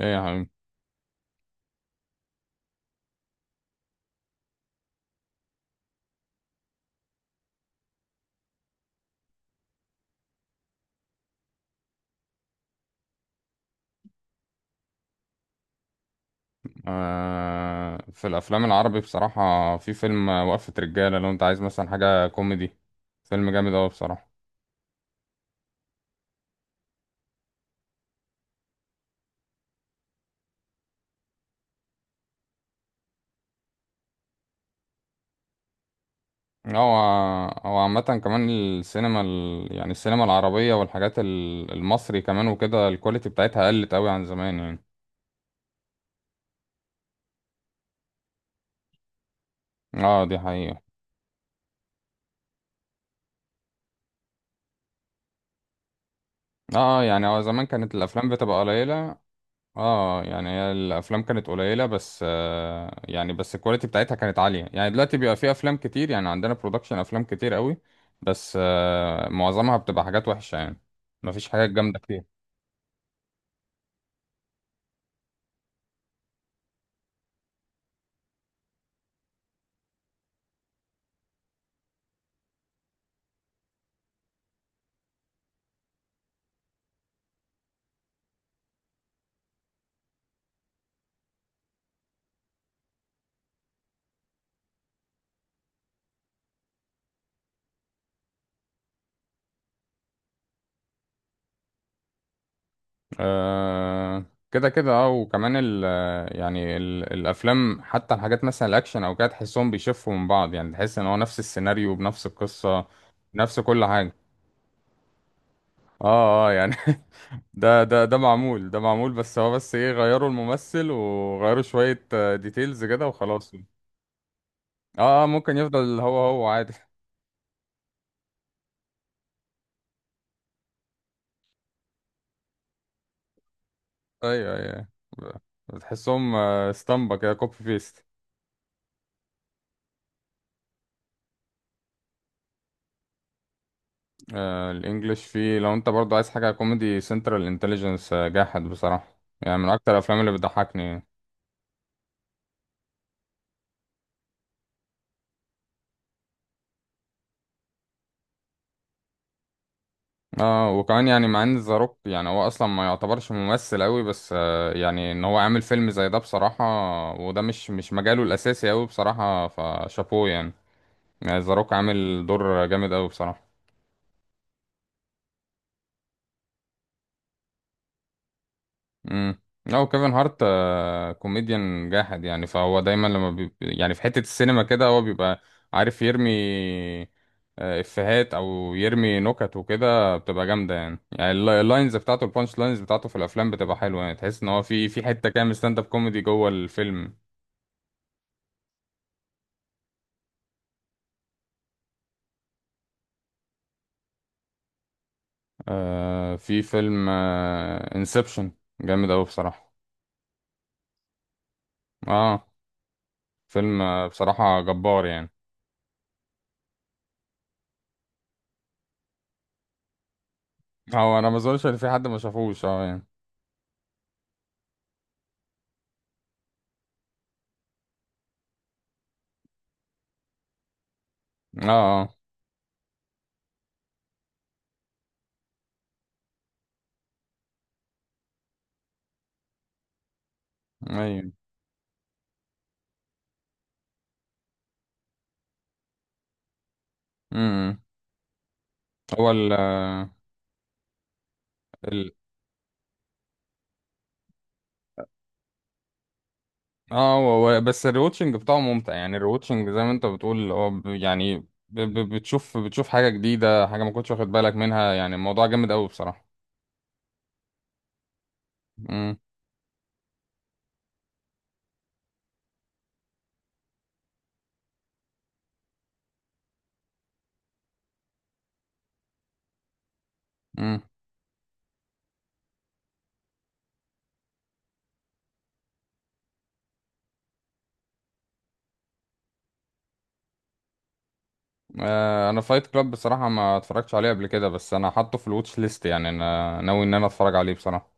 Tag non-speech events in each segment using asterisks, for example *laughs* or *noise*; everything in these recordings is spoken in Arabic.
ايه يا حبيبي. في الافلام العربي بصراحه، في فيلم وقفه رجاله لو انت عايز مثلا حاجه كوميدي. فيلم جامد اوي بصراحه. هو هو عامه كمان السينما يعني السينما العربيه والحاجات المصري كمان وكده، الكواليتي بتاعتها قلت اوي عن زمان يعني. اه، دي حقيقه. اه يعني هو زمان كانت الافلام بتبقى قليله. اه يعني هي الافلام كانت قليله، بس يعني بس الكواليتي بتاعتها كانت عاليه. يعني دلوقتي بيبقى في افلام كتير، يعني عندنا برودكشن افلام كتير قوي. بس معظمها بتبقى حاجات وحشه يعني، مفيش حاجات جامده كتير. آه، كده كده. اه وكمان يعني الافلام، حتى الحاجات مثلا الاكشن او كده، تحسهم بيشفوا من بعض، يعني تحس ان هو نفس السيناريو بنفس القصه، نفس كل حاجه. اه، اه، يعني. *laughs* ده معمول، ده معمول، بس هو، بس ايه، غيروا الممثل وغيروا شوية ديتيلز كده وخلاص. اه، اه، ممكن يفضل هو هو عادي. *laughs* ايوه، ايوه. ب- بتحسهم اسطمبة كده، كوبي بيست. آه، الانجليش فيه، لو انت برضو عايز حاجة كوميدي، سنترال انتليجنس جاحد بصراحة. يعني من اكتر الافلام اللي بتضحكني. اه، وكمان يعني، مع ان ذا روك يعني هو اصلا ما يعتبرش ممثل قوي، بس يعني ان هو عامل فيلم زي ده بصراحة. وده مش مجاله الاساسي قوي بصراحة، فشابوه يعني. يعني ذا روك عامل دور جامد قوي بصراحة. امم، لا، كيفن هارت كوميديان جاحد يعني. فهو دايما يعني في حتة السينما كده هو بيبقى عارف يرمي افيهات او يرمي نكت وكده، بتبقى جامدة يعني اللاينز بتاعته، البانش لاينز بتاعته في الافلام بتبقى حلوة، يعني تحس ان هو في حتة كده من ستاند اب كوميدي جوه الفيلم. آه، في فيلم انسبشن جامد اوي بصراحة. اه، فيلم بصراحة جبار يعني. هو انا ما اظنش ان في حد ما شافوش، اه يعني. اه، اه، ايوه، هو ال ال اه هو هو- بس الريوتشنج بتاعه ممتع، يعني الريوتشنج، زي ما انت بتقول، هو يعني بتشوف حاجة جديدة، حاجة ما كنتش واخد بالك منها. يعني الموضوع جامد قوي بصراحة. امم، امم. آه، انا فايت كلاب بصراحة ما اتفرجتش عليه قبل كده، بس انا حاطه في الواتش ليست يعني. انا ناوي ان انا اتفرج عليه بصراحة.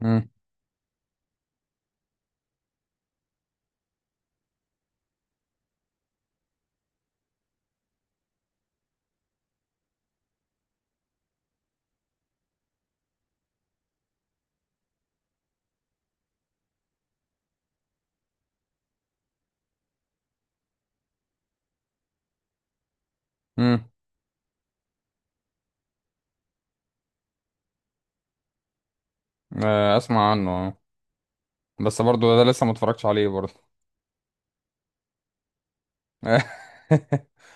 امم، امم. آه، اسمع عنه آه. بس برضو ده لسه ما اتفرجتش عليه برضو. *laughs*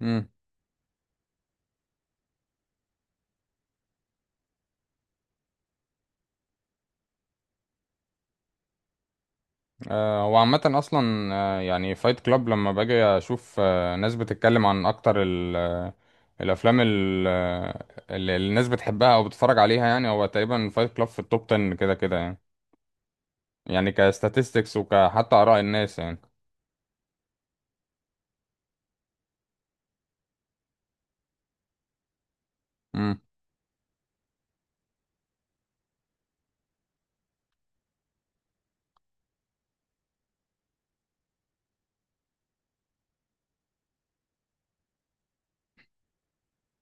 امم. آه، وعامة أصلا يعني فايت كلاب، لما باجي أشوف ناس بتتكلم عن أكتر الأفلام اللي الناس بتحبها أو بتتفرج عليها، يعني هو تقريبا فايت كلاب في التوب 10 كده كده يعني. يعني كستاتستكس وكحتى آراء الناس يعني. مم.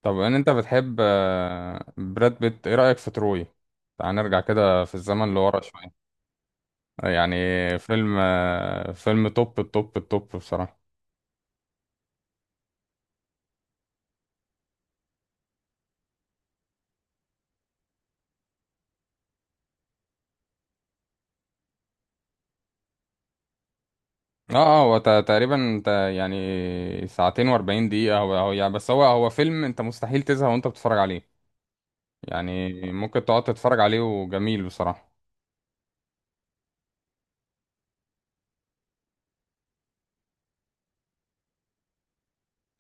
طب إن أنت بتحب براد بيت، إيه رأيك في تروي؟ تعال نرجع كده في الزمن لورا شوية. يعني فيلم توب، التوب التوب بصراحة. اه، اه، هو تقريبا يعني ساعتين واربعين دقيقة. هو يعني، بس هو فيلم انت مستحيل تزهق وانت بتتفرج عليه. يعني ممكن تقعد تتفرج عليه، وجميل بصراحة.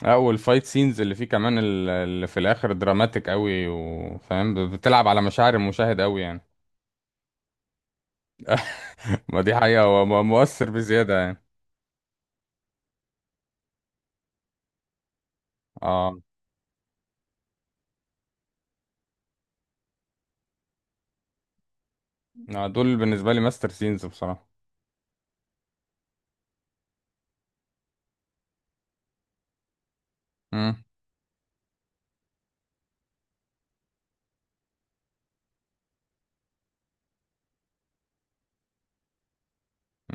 اه، والفايت سينز اللي فيه، كمان اللي في الاخر دراماتيك قوي، وفاهم بتلعب على مشاعر المشاهد قوي يعني. *laughs* ما دي حقيقة، هو مؤثر بزيادة يعني. اه، دول بالنسبة لي ماستر سينز بصراحة.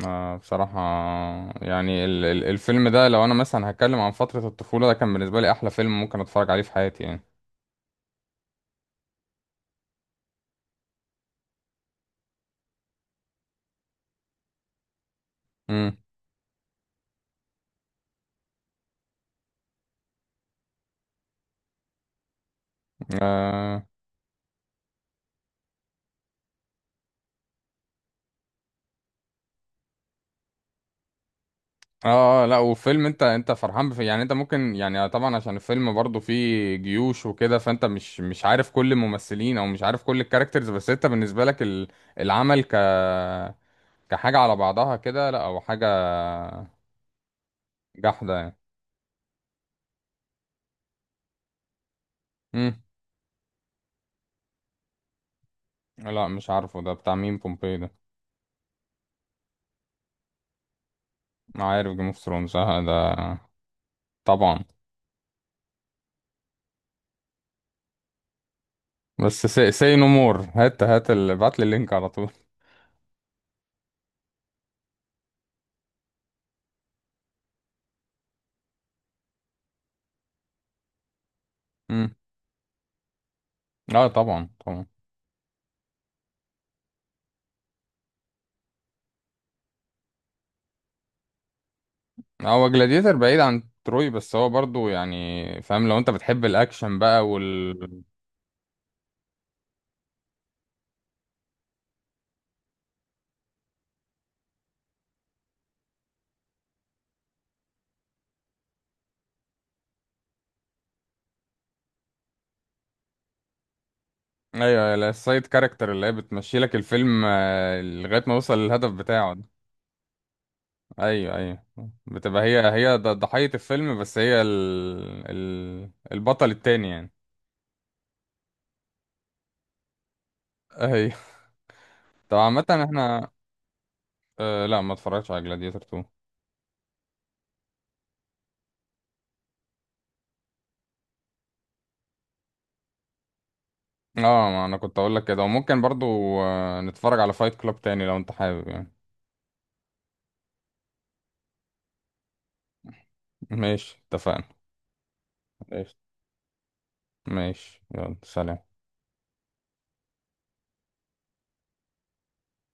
آه بصراحة، يعني الفيلم ده، لو أنا مثلا هتكلم عن فترة الطفولة، ده كان بالنسبة لي أحلى فيلم ممكن أتفرج عليه في حياتي يعني. امم، آه. اه، لا، وفيلم انت فرحان يعني انت ممكن، يعني طبعا عشان الفيلم برضه فيه جيوش وكده، فانت مش عارف كل الممثلين او مش عارف كل الكاركترز. بس انت بالنسبة لك العمل كحاجة على بعضها كده، لا، او حاجة جحدة يعني. امم، لا، مش عارفه ده بتاع مين، بومبي ده. ما عارف جيم اوف ثرونز ده. طبعا. بس سي نو مور، هات هات ابعت لي اللينك على طول. امم. اه، طبعا، طبعا. هو جلاديتر بعيد عن تروي، بس هو برضو يعني فاهم، لو انت بتحب الاكشن بقى وال. ايوه، السايد كاركتر اللي هي بتمشي لك الفيلم لغايه ما يوصل للهدف بتاعه ده. ايوه، ايوه. بتبقى هي ضحيه الفيلم، بس هي البطل التاني يعني. ايوه. طب عامه احنا. آه، لا، ما اتفرجتش على جلاديتر 2. اه، ما انا كنت اقول لك كده، وممكن برضو نتفرج على فايت كلاب تاني لو انت حابب يعني. ماشي، اتفقنا. ماشي. ماشي، يلا سلام.